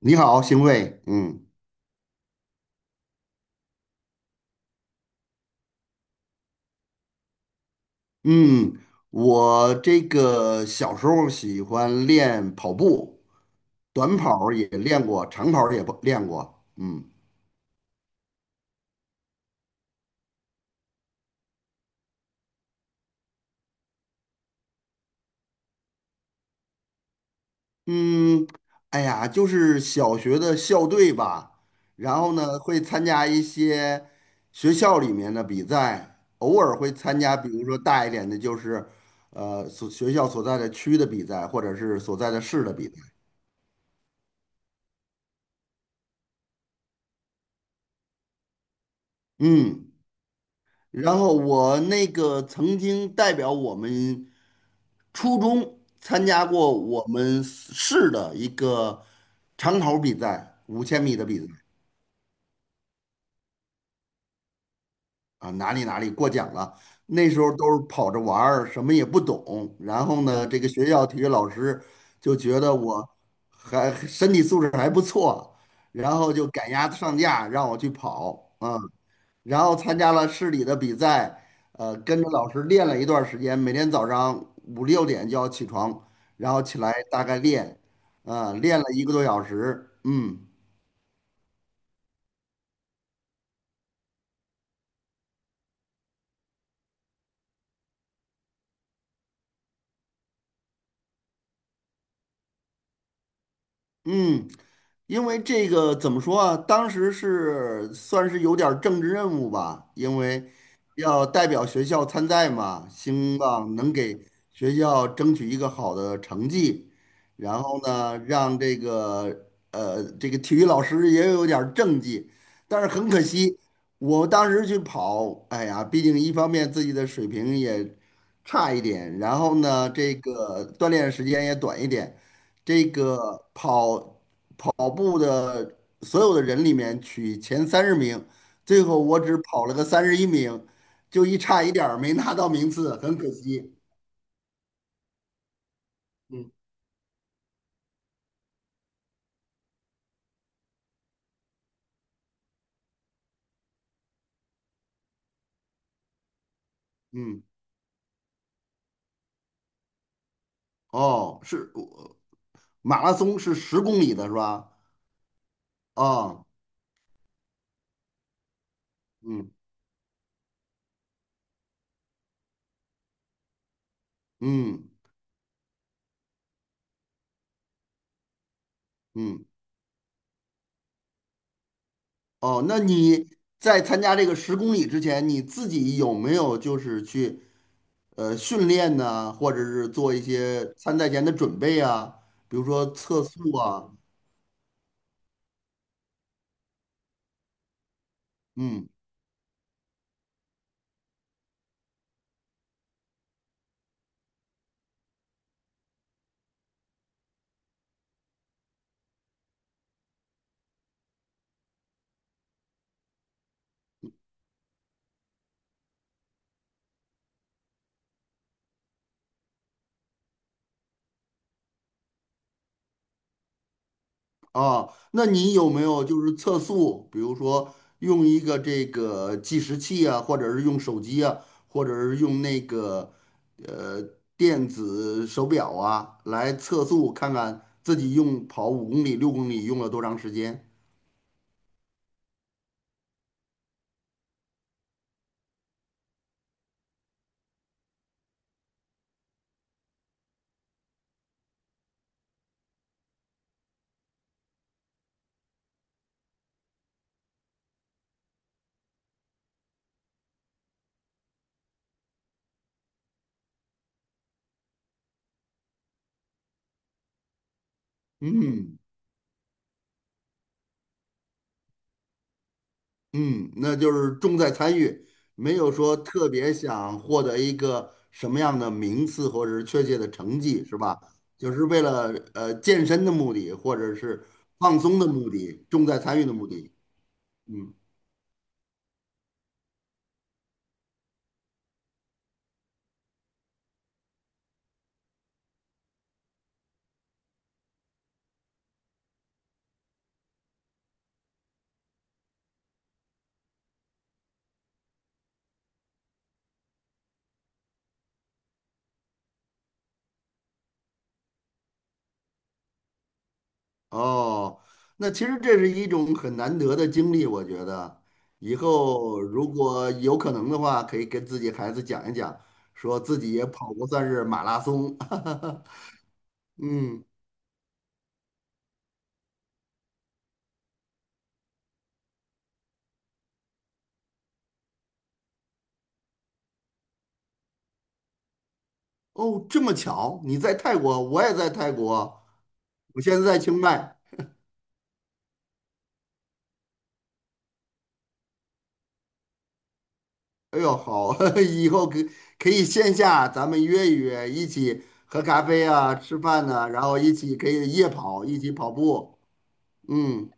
你好，邢卫。嗯嗯，我这个小时候喜欢练跑步，短跑儿也练过，长跑儿也不练过。嗯嗯，哎呀，就是小学的校队吧，然后呢会参加一些学校里面的比赛，偶尔会参加，比如说大一点的，就是学校所在的区的比赛，或者是所在的市的比赛。嗯。然后我那个曾经代表我们初中参加过我们市的一个长跑比赛，5000米的比赛啊，哪里哪里过奖了。那时候都是跑着玩儿，什么也不懂。然后呢，这个学校体育老师就觉得我还身体素质还不错，然后就赶鸭子上架，让我去跑啊。然后参加了市里的比赛，跟着老师练了一段时间，每天早上五六点就要起床，然后起来大概练，啊，练了一个多小时，嗯嗯，因为这个怎么说啊？当时是算是有点儿政治任务吧，因为要代表学校参赛嘛，希望能给学校争取一个好的成绩，然后呢，让这个这个体育老师也有点儿政绩，但是很可惜，我当时去跑，哎呀，毕竟一方面自己的水平也差一点，然后呢，这个锻炼时间也短一点。这个跑步的所有的人里面取前30名，最后我只跑了个31名，就一差一点儿没拿到名次，很可惜。嗯嗯，哦，是马拉松是十公里的是吧？哦，嗯嗯嗯，哦，那你在参加这个十公里之前，你自己有没有就是去训练呢，或者是做一些参赛前的准备啊，比如说测速啊，嗯。啊，那你有没有就是测速，比如说用一个这个计时器啊，或者是用手机啊，或者是用那个呃电子手表啊来测速，看看自己用跑5公里、6公里用了多长时间？嗯嗯，那就是重在参与，没有说特别想获得一个什么样的名次或者是确切的成绩，是吧？就是为了健身的目的，或者是放松的目的，重在参与的目的。嗯，哦，那其实这是一种很难得的经历，我觉得以后如果有可能的话，可以跟自己孩子讲一讲，说自己也跑过算是马拉松。嗯。哦，这么巧，你在泰国，我也在泰国，我现在在清迈。哎呦，好，以后可以线下咱们约一约，一起喝咖啡啊，吃饭呐，然后一起可以夜跑，一起跑步。嗯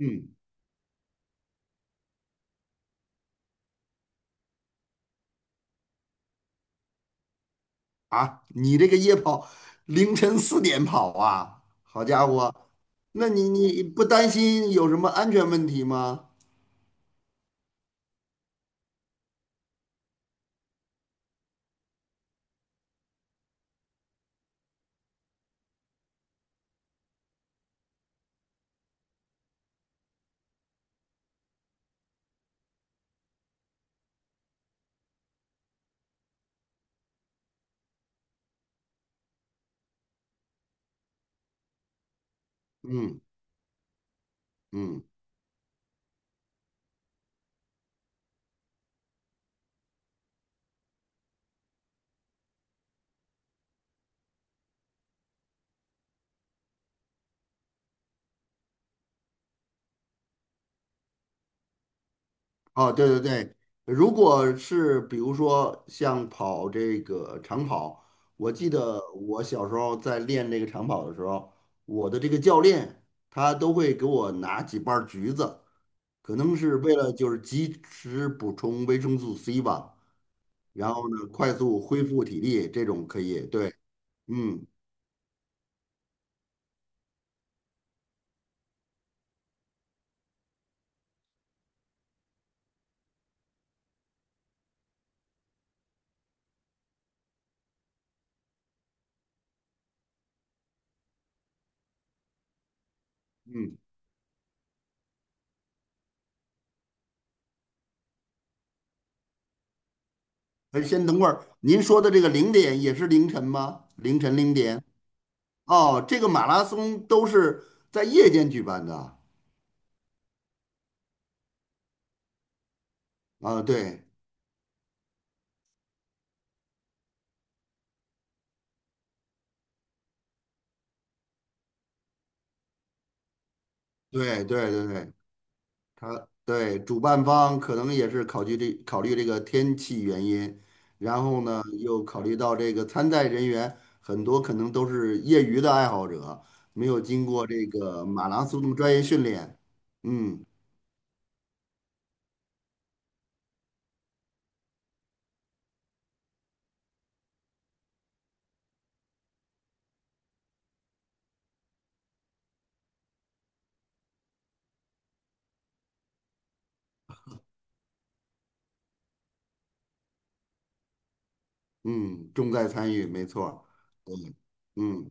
嗯，啊，你这个夜跑凌晨4点跑啊，好家伙，那你不担心有什么安全问题吗？嗯嗯。哦，对对对，如果是比如说像跑这个长跑，我记得我小时候在练这个长跑的时候，我的这个教练他都会给我拿几瓣儿橘子，可能是为了就是及时补充维生素 C 吧，然后呢快速恢复体力，这种可以，对，嗯嗯，哎，先等会儿，您说的这个零点也是凌晨吗？凌晨零点？哦，这个马拉松都是在夜间举办的啊。啊，对对对对对，他对主办方可能也是考虑这个天气原因，然后呢又考虑到这个参赛人员很多可能都是业余的爱好者，没有经过这个马拉松的专业训练，嗯嗯，重在参与，没错儿，对，嗯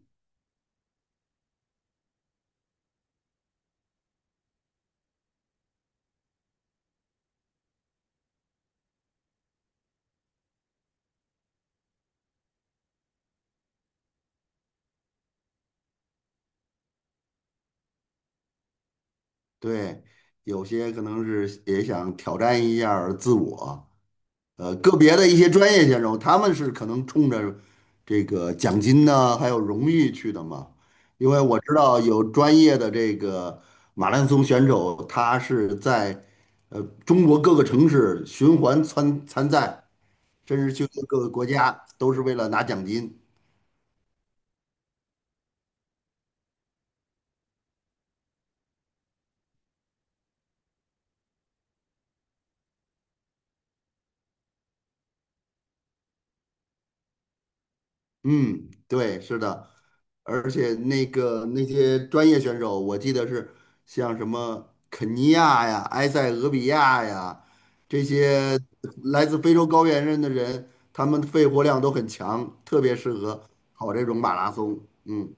对，有些可能是也想挑战一下儿自我，个别的一些专业选手，他们是可能冲着这个奖金呢，还有荣誉去的嘛。因为我知道有专业的这个马拉松选手，他是在呃中国各个城市循环参赛，甚至去各个国家，都是为了拿奖金。嗯，对，是的，而且那些专业选手，我记得是像什么肯尼亚呀、埃塞俄比亚呀这些来自非洲高原上的人，他们肺活量都很强，特别适合跑这种马拉松。嗯，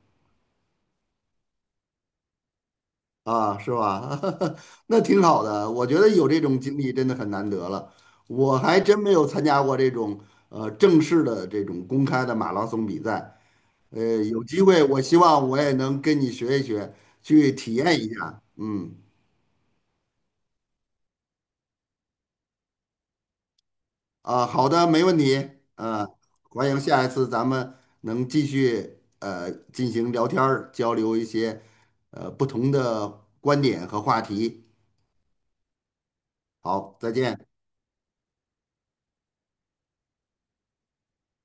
啊，是吧？那挺好的，我觉得有这种经历真的很难得了。我还真没有参加过这种正式的这种公开的马拉松比赛。有机会，我希望我也能跟你学一学，去体验一下。嗯，啊，好的，没问题。啊，欢迎下一次咱们能继续进行聊天儿，交流一些不同的观点和话题。好，再见。